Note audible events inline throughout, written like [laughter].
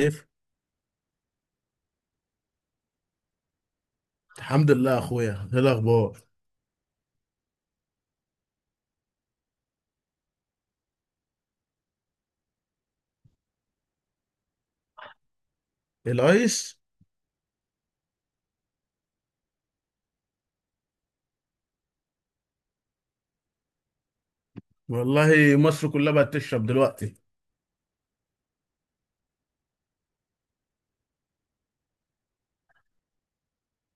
كيف؟ الحمد لله يا اخويا، ايه الاخبار؟ الايس. والله مصر كلها بقت تشرب دلوقتي.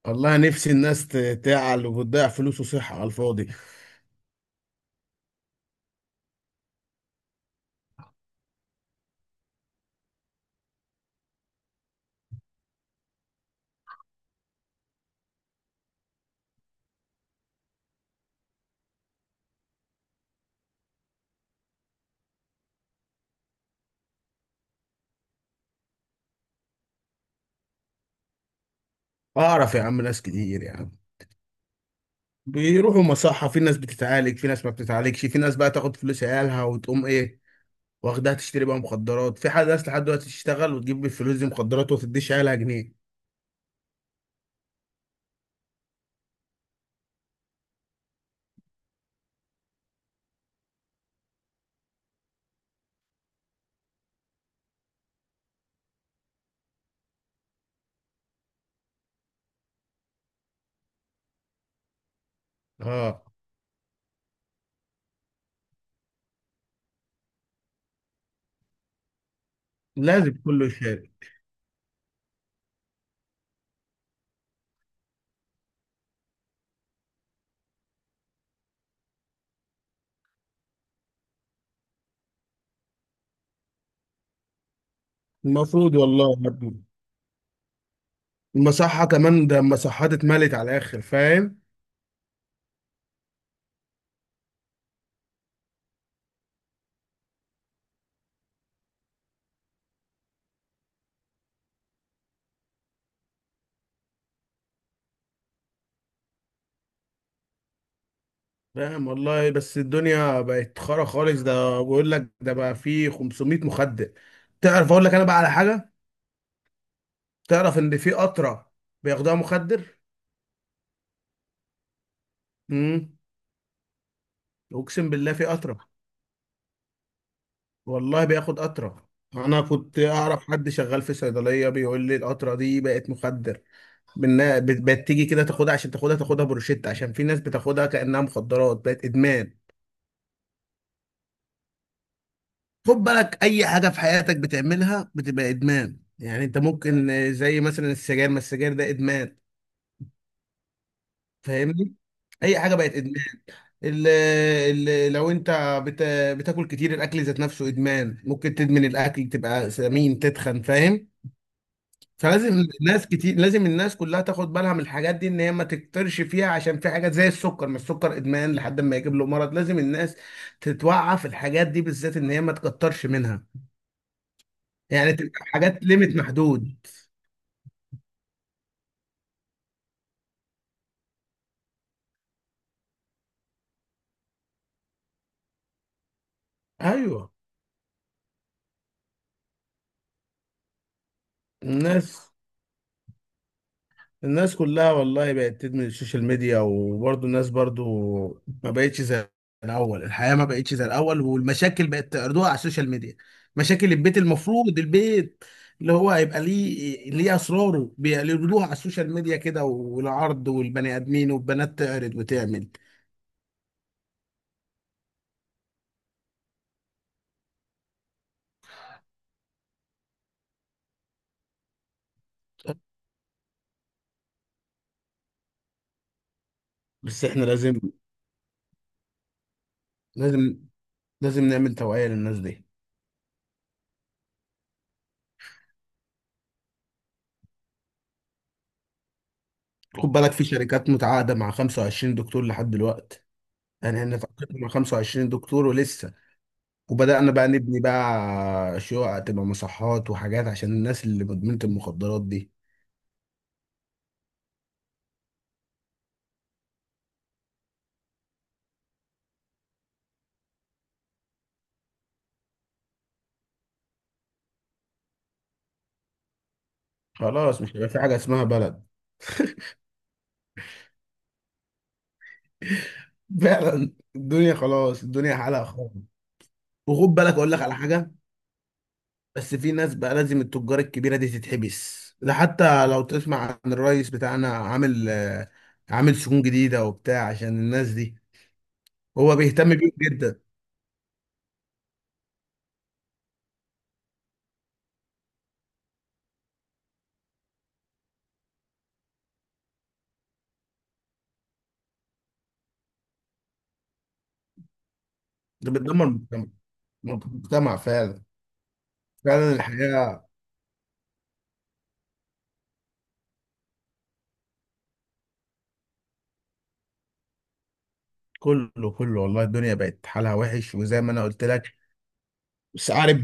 والله نفسي الناس تعل وبتضيع فلوس وصحة على الفاضي. اعرف يا عم، ناس كتير يا عم. بيروحوا مصحة، في ناس بتتعالج، في ناس ما بتتعالجش، في ناس بقى تاخد فلوس عيالها وتقوم ايه، واخدها تشتري بقى مخدرات. في حد ناس لحد دلوقتي تشتغل وتجيب بالفلوس دي مخدرات وتديش عيالها جنيه. اه، لازم كله يشارك. المفروض والله يا ابني، المصحة كمان، ده المصحات اتملت على الاخر، فاهم؟ فاهم والله، بس الدنيا بقت خرا خالص. ده بقول لك، ده بقى فيه 500 مخدر. تعرف اقول لك انا بقى على حاجه؟ تعرف ان في قطره بياخدوها مخدر؟ امم اقسم بالله في قطره. والله بياخد قطره، انا كنت اعرف حد شغال في صيدليه بيقول لي القطره دي بقت مخدر. بقت تيجي كده تاخدها، عشان تاخدها، تاخدها بروشيت، عشان في ناس بتاخدها كانها مخدرات، بقت ادمان. خد بالك، اي حاجه في حياتك بتعملها بتبقى ادمان. يعني انت ممكن زي مثلا السجاير، ما السجاير ده ادمان. فاهمني؟ اي حاجه بقت ادمان. ال ال لو انت بت بتاكل كتير، الاكل ذات نفسه ادمان، ممكن تدمن الاكل تبقى سمين تتخن، فاهم؟ فلازم الناس كتير، الناس كلها تاخد بالها من الحاجات دي، ان هي ما تكترش فيها، عشان في حاجات زي السكر، ما السكر ادمان لحد ما يجيب له مرض. لازم الناس تتوعى في الحاجات دي بالذات، ان هي ما تكترش منها، يعني تبقى حاجات ليميت محدود. ايوه. الناس، الناس كلها والله بقت تدمن السوشيال ميديا. وبرضه الناس برضه ما بقتش زي الاول، الحياه ما بقتش زي الاول، والمشاكل بقت تعرضوها على السوشيال ميديا. مشاكل البيت، المفروض البيت اللي هو هيبقى ليه، اسراره بيعرضوها على السوشيال ميديا كده، والعرض، والبني ادمين والبنات تعرض وتعمل. بس احنا لازم، لازم لازم نعمل توعيه للناس دي. خد بالك، في شركات متعاقده مع 25 دكتور لحد دلوقتي، يعني احنا اتعاقدنا مع 25 دكتور ولسه. وبدأنا بقى نبني بقى شقق تبقى مصحات وحاجات عشان الناس اللي مدمنة المخدرات دي. خلاص، مش هيبقى في حاجة اسمها بلد. [laughs] فعلا الدنيا خلاص، الدنيا حالها خالص. وخد بالك، أقول لك على حاجة. بس في ناس بقى، لازم التجار الكبيرة دي تتحبس. ده حتى لو تسمع عن الرئيس بتاعنا، عامل عامل سجون جديدة وبتاع عشان الناس دي. هو بيهتم بيهم جدا. ده بتدمر المجتمع، المجتمع فعلا. فعلا الحياة. كله، والله الدنيا بقت حالها وحش، وزي ما انا قلت لك. بس عارف؟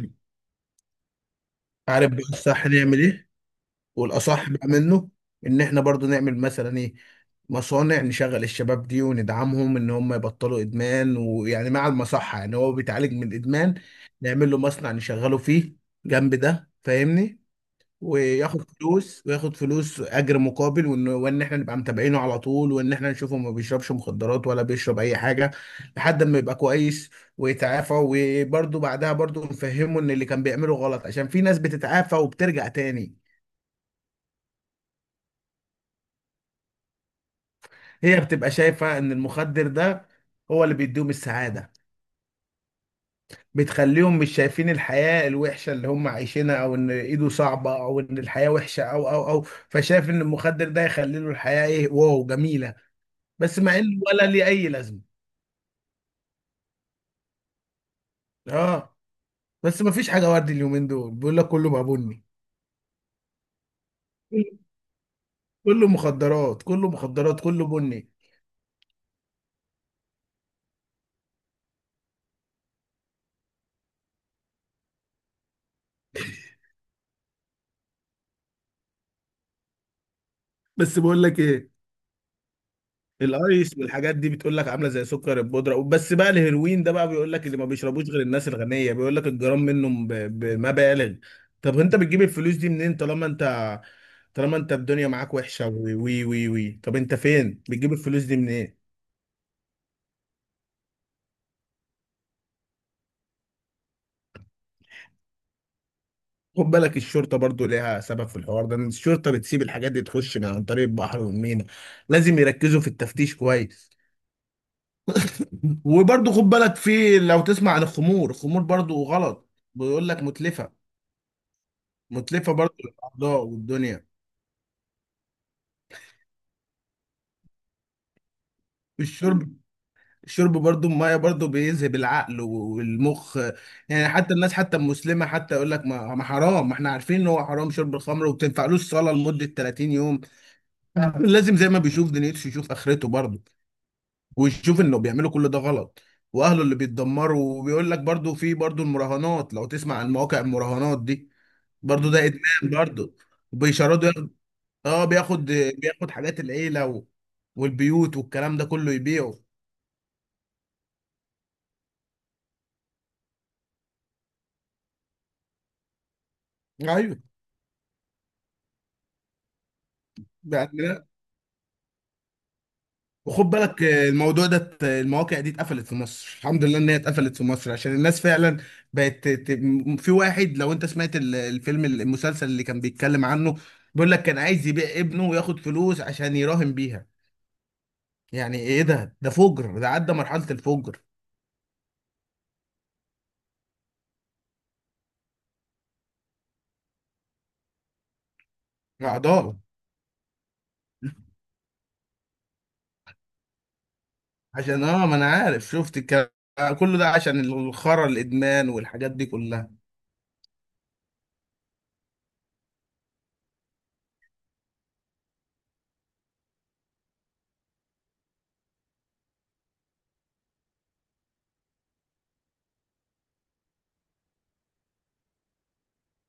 عارف بقى الصح نعمل ايه؟ والاصح بقى منه، ان احنا برضو نعمل مثلا ايه، مصانع نشغل الشباب دي، وندعمهم ان هم يبطلوا ادمان. ويعني مع المصحة، يعني هو بيتعالج من الادمان، نعمل له مصنع نشغله فيه جنب ده، فاهمني؟ وياخد فلوس، وياخد فلوس اجر مقابل. وان احنا نبقى متابعينه على طول، وان احنا نشوفه ما بيشربش مخدرات ولا بيشرب اي حاجه، لحد ما يبقى كويس ويتعافى. وبرده بعدها برده نفهمه ان اللي كان بيعمله غلط، عشان في ناس بتتعافى وبترجع تاني. هي بتبقى شايفه ان المخدر ده هو اللي بيديهم السعاده، بتخليهم مش شايفين الحياه الوحشه اللي هم عايشينها، او ان ايده صعبه، او ان الحياه وحشه، او فشايف ان المخدر ده يخلي له الحياه ايه، واو جميله، بس مع انه ولا ليه اي لازمه. اه. بس ما فيش حاجه وردي اليومين دول، بيقول لك كله بقى بني. كله كله مخدرات، كله مخدرات، كله بني. بس بقول لك ايه، الايس والحاجات دي بتقول لك عامله زي سكر البودره. بس بقى الهيروين ده بقى بيقول لك اللي ما بيشربوش غير الناس الغنيه، بيقول لك الجرام منه بمبالغ. طب انت بتجيب الفلوس دي منين، طالما انت الدنيا معاك وحشه، وي وي وي وي. طب انت فين بتجيب الفلوس دي منين؟ خد بالك، الشرطة برضو ليها سبب في الحوار ده، إن الشرطة بتسيب الحاجات دي تخش من عن طريق البحر والمينا. لازم يركزوا في التفتيش كويس. وبرضو خد بالك، في لو تسمع عن الخمور، الخمور برضو غلط، بيقول لك متلفة، متلفة برضو للأعضاء والدنيا. الشرب، برضو المية برضو بيذهب العقل والمخ. يعني حتى الناس، حتى المسلمة، حتى يقول لك ما حرام، ما احنا عارفين ان هو حرام شرب الخمر، وما بتنفعلوش صلاة لمدة 30 يوم. [laughs] لازم زي ما بيشوف دنيته يشوف آخرته برضو، ويشوف انه بيعملوا كل ده غلط، واهله اللي بيتدمروا. وبيقول لك برضو، في برضو المراهنات، لو تسمع عن مواقع المراهنات دي، برضو ده ادمان برضو. وبيشردوا ياخد، اه بياخد، بياخد حاجات العيله والبيوت والكلام ده كله يبيعه. ايوه. يعني لا. وخد بالك الموضوع ده المواقع دي اتقفلت في مصر. الحمد لله ان هي اتقفلت في مصر، عشان الناس فعلا بقت في واحد لو انت سمعت الفيلم المسلسل اللي كان بيتكلم عنه، بيقول لك كان عايز يبيع ابنه وياخد فلوس عشان يراهن بيها. يعني ايه ده، ده فجر، ده عدى مرحلة الفجر. عضال. عشان اه، ما انا عارف، شفت الكلام كله ده، عشان الخرا الادمان والحاجات دي كلها.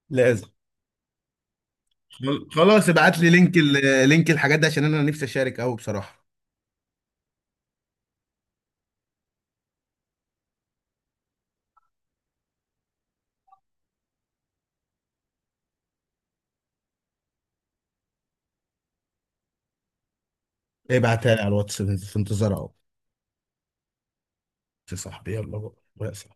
لازم، خلاص ابعت لي لينك، لينك الحاجات دي، عشان انا نفسي اشارك قوي بصراحة. ابعتها لي على الواتس، في انتظار اهو. يا صاحبي يلا بقى، يا صاحبي.